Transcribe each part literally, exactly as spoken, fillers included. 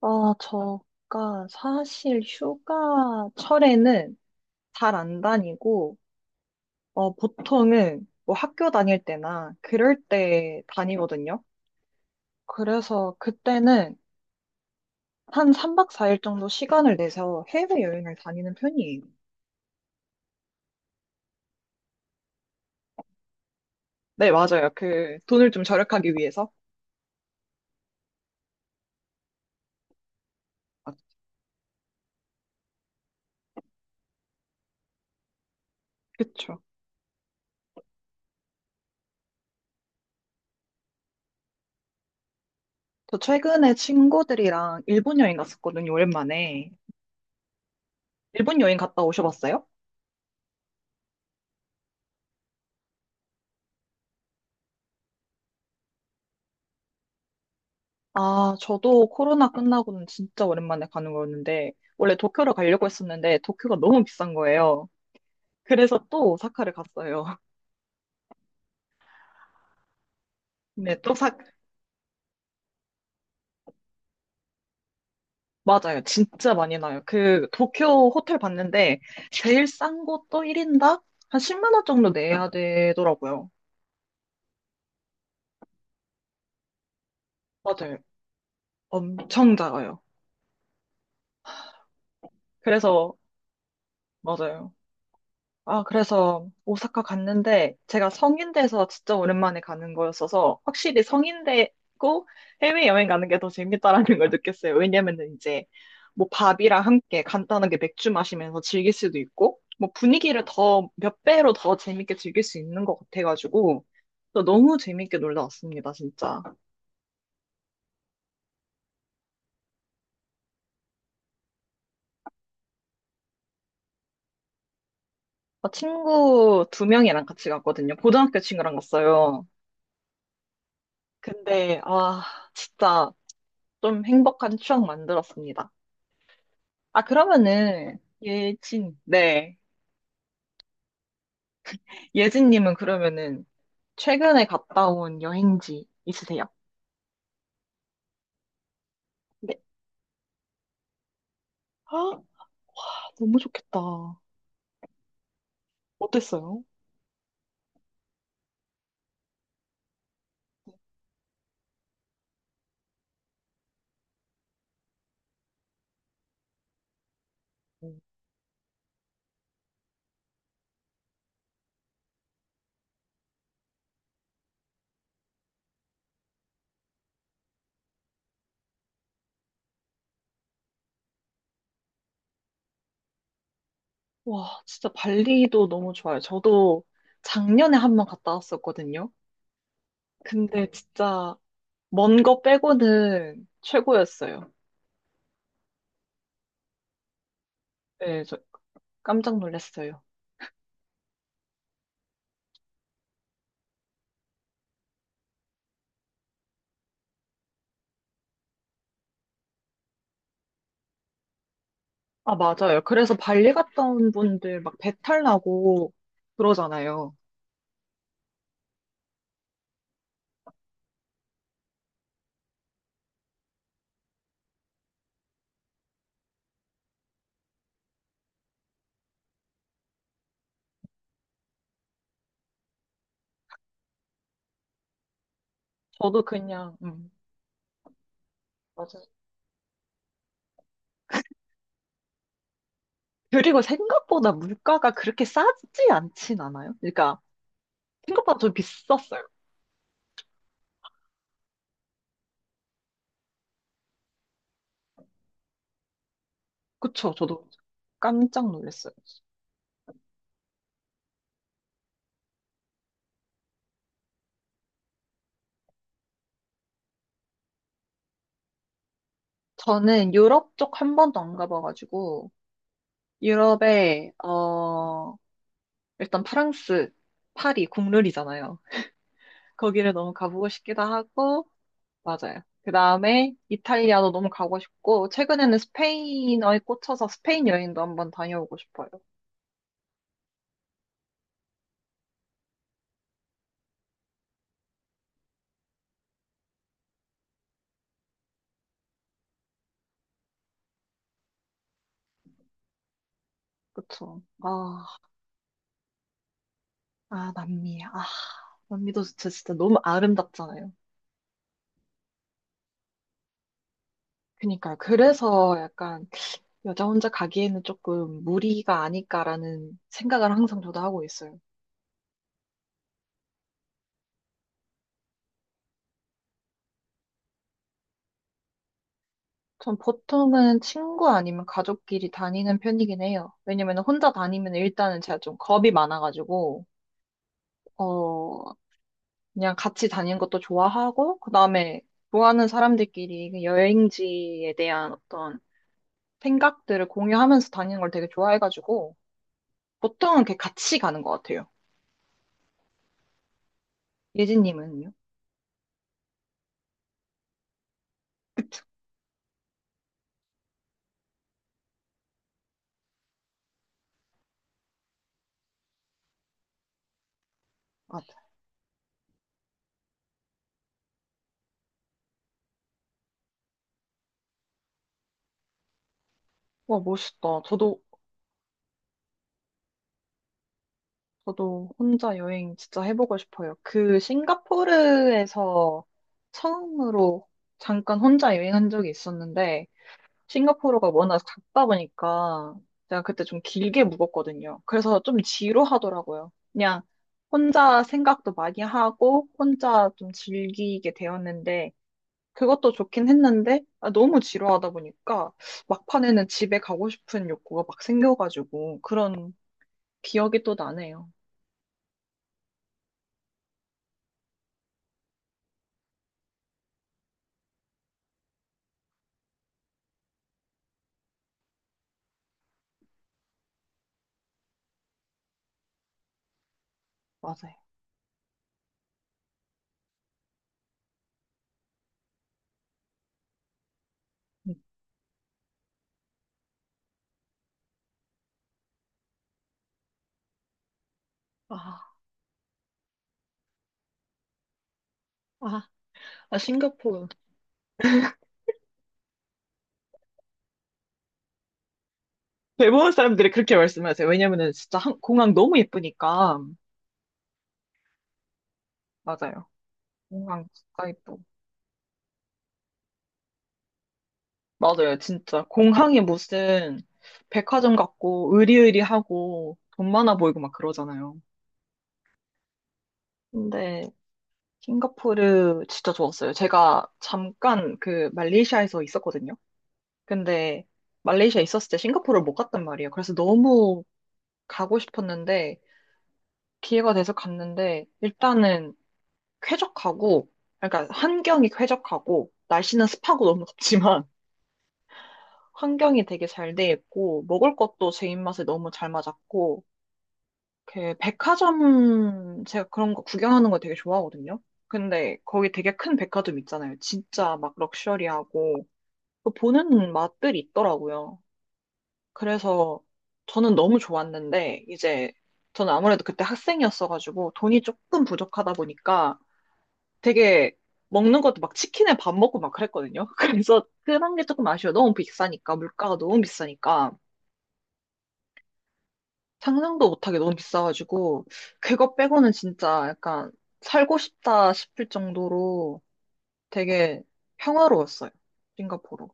아, 저가 사실 휴가철에는 잘 안 다니고, 어, 보통은 뭐 학교 다닐 때나 그럴 때 다니거든요. 그래서 그때는 한 삼 박 사 일 정도 시간을 내서 해외여행을 다니는 편이에요. 네, 맞아요. 그 돈을 좀 절약하기 위해서. 아, 그쵸. 저 최근에 친구들이랑 일본 여행 갔었거든요, 오랜만에. 일본 여행 갔다 오셔봤어요? 아, 저도 코로나 끝나고는 진짜 오랜만에 가는 거였는데, 원래 도쿄를 가려고 했었는데, 도쿄가 너무 비싼 거예요. 그래서 또 오사카를 갔어요. 네, 또 사, 맞아요. 진짜 많이 나요. 그, 도쿄 호텔 봤는데, 제일 싼 곳도 일 인당 한 십만 원 정도 내야 되더라고요. 맞아요. 엄청 작아요. 그래서, 맞아요. 아, 그래서 오사카 갔는데 제가 성인대에서 진짜 오랜만에 가는 거였어서 확실히 성인대고 해외여행 가는 게 더 재밌다라는 걸 느꼈어요. 왜냐면은 이제 뭐 밥이랑 함께 간단하게 맥주 마시면서 즐길 수도 있고 뭐 분위기를 더 몇 배로 더 재밌게 즐길 수 있는 것 같아가지고 또 너무 재밌게 놀다 왔습니다, 진짜. 아, 친구 두 명이랑 같이 갔거든요. 고등학교 친구랑 갔어요. 근데 아, 진짜 좀 행복한 추억 만들었습니다. 아, 그러면은, 예진, 네. 예진님은 그러면은, 최근에 갔다 온 여행지 있으세요? 네. 아, 너무 좋겠다. 어땠어요? 음. 와, 진짜 발리도 너무 좋아요. 저도 작년에 한 번 갔다 왔었거든요. 근데 진짜, 먼 거 빼고는 최고였어요. 네, 저 깜짝 놀랐어요. 아, 맞아요. 그래서 발리 갔다 온 분들 막 배탈 나고 그러잖아요. 저도 그냥, 음, 맞아요. 그리고 생각보다 물가가 그렇게 싸지 않진 않아요. 그러니까 생각보다 좀 비쌌어요. 그쵸? 저도 깜짝 놀랐어요. 저는 유럽 쪽 한 번도 안 가봐가지고 유럽에 어 일단 프랑스 파리 국룰이잖아요. 거기를 너무 가보고 싶기도 하고 맞아요. 그 다음에 이탈리아도 너무 가고 싶고 최근에는 스페인어에 꽂혀서 스페인 여행도 한번 다녀오고 싶어요. 그쵸? 아 아, 남미. 아, 남미도 진짜, 진짜 너무 아름답잖아요. 그니까요. 그래서 약간 여자 혼자 가기에는 조금 무리가 아닐까라는 생각을 항상 저도 하고 있어요. 전 보통은 친구 아니면 가족끼리 다니는 편이긴 해요. 왜냐면 혼자 다니면 일단은 제가 좀 겁이 많아가지고, 어, 그냥 같이 다니는 것도 좋아하고, 그 다음에 좋아하는 사람들끼리 그 여행지에 대한 어떤 생각들을 공유하면서 다니는 걸 되게 좋아해가지고, 보통은 이렇게 같이 가는 것 같아요. 예진님은요? 맞아. 와, 멋있다. 저도, 저도 혼자 여행 진짜 해보고 싶어요. 그 싱가포르에서 처음으로 잠깐 혼자 여행한 적이 있었는데, 싱가포르가 워낙 작다 보니까 제가 그때 좀 길게 묵었거든요. 그래서 좀 지루하더라고요. 그냥 혼자 생각도 많이 하고, 혼자 좀 즐기게 되었는데, 그것도 좋긴 했는데, 아, 너무 지루하다 보니까, 막판에는 집에 가고 싶은 욕구가 막 생겨가지고, 그런 기억이 또 나네요. 맞아요. 음. 아, 아, 아, 싱가포르. 대부분 사람들이 그렇게 말씀하세요. 왜냐면은 진짜 한- 공항 너무 예쁘니까. 맞아요. 공항 진짜 예뻐. 맞아요. 진짜. 공항이 무슨 백화점 같고, 으리으리하고, 돈 많아 보이고 막 그러잖아요. 근데 싱가포르 진짜 좋았어요. 제가 잠깐 그 말레이시아에서 있었거든요. 근데 말레이시아 있었을 때 싱가포르를 못 갔단 말이에요. 그래서 너무 가고 싶었는데 기회가 돼서 갔는데 일단은 쾌적하고 그러니까 환경이 쾌적하고 날씨는 습하고 너무 덥지만 환경이 되게 잘 돼 있고 먹을 것도 제 입맛에 너무 잘 맞았고 그 백화점 제가 그런 거 구경하는 거 되게 좋아하거든요. 근데 거기 되게 큰 백화점 있잖아요. 진짜 막 럭셔리하고 그 보는 맛들이 있더라고요. 그래서 저는 너무 좋았는데 이제 저는 아무래도 그때 학생이었어가지고 돈이 조금 부족하다 보니까 되게 먹는 것도 막 치킨에 밥 먹고 막 그랬거든요. 그래서 그런 게 조금 아쉬워요. 너무 비싸니까 물가가 너무 비싸니까. 상상도 못하게 너무 비싸가지고, 그거 빼고는 진짜 약간 살고 싶다 싶을 정도로 되게 평화로웠어요. 싱가포르가.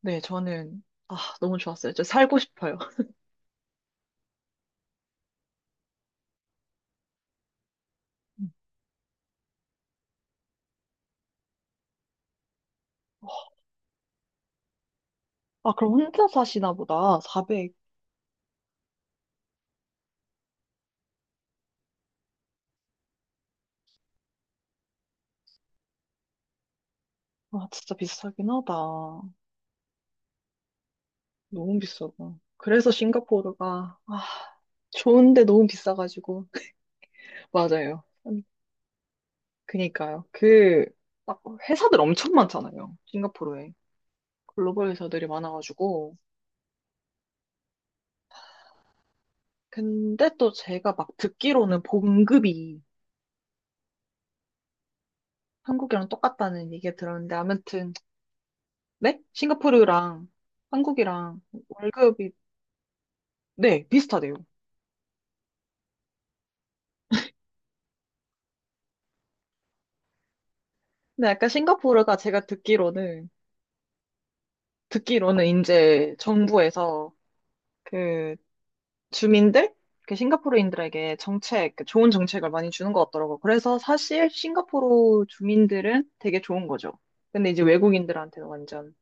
네, 저는, 아, 너무 좋았어요. 진짜 살고 싶어요. 음. 아, 그럼 혼자 사시나 보다. 사백. 아, 진짜 비싸긴 하다. 너무 비싸다. 그래서 싱가포르가, 아, 좋은데 너무 비싸가지고. 맞아요. 음, 그니까요. 그, 막 회사들 엄청 많잖아요. 싱가포르에. 글로벌 회사들이 많아가지고. 근데 또 제가 막 듣기로는 봉급이 한국이랑 똑같다는 얘기 들었는데, 아무튼, 네? 싱가포르랑 한국이랑 월급이, 네, 비슷하대요. 근데 약간 싱가포르가 제가 듣기로는, 듣기로는 이제 정부에서 그 주민들? 그 싱가포르인들에게 정책, 그 좋은 정책을 많이 주는 것 같더라고요. 그래서 사실 싱가포르 주민들은 되게 좋은 거죠. 근데 이제 외국인들한테는 완전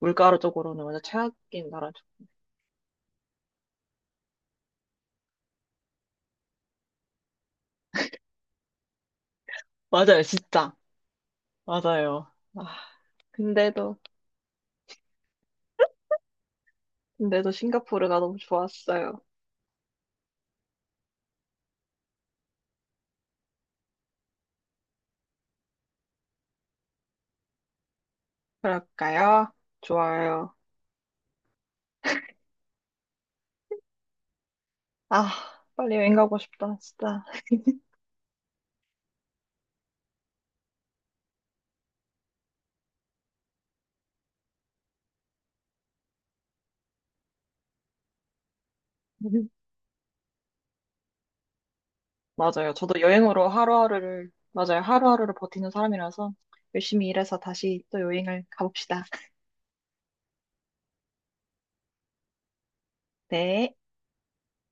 물가적으로는 완전 최악인 나라죠. 맞아요, 진짜. 맞아요. 아, 근데도, 근데도 싱가포르가 너무 좋았어요. 그럴까요? 좋아요. 아, 빨리 여행 가고 싶다, 진짜. 맞아요. 저도 여행으로 하루하루를, 맞아요. 하루하루를 버티는 사람이라서 열심히 일해서 다시 또 여행을 가봅시다. 네.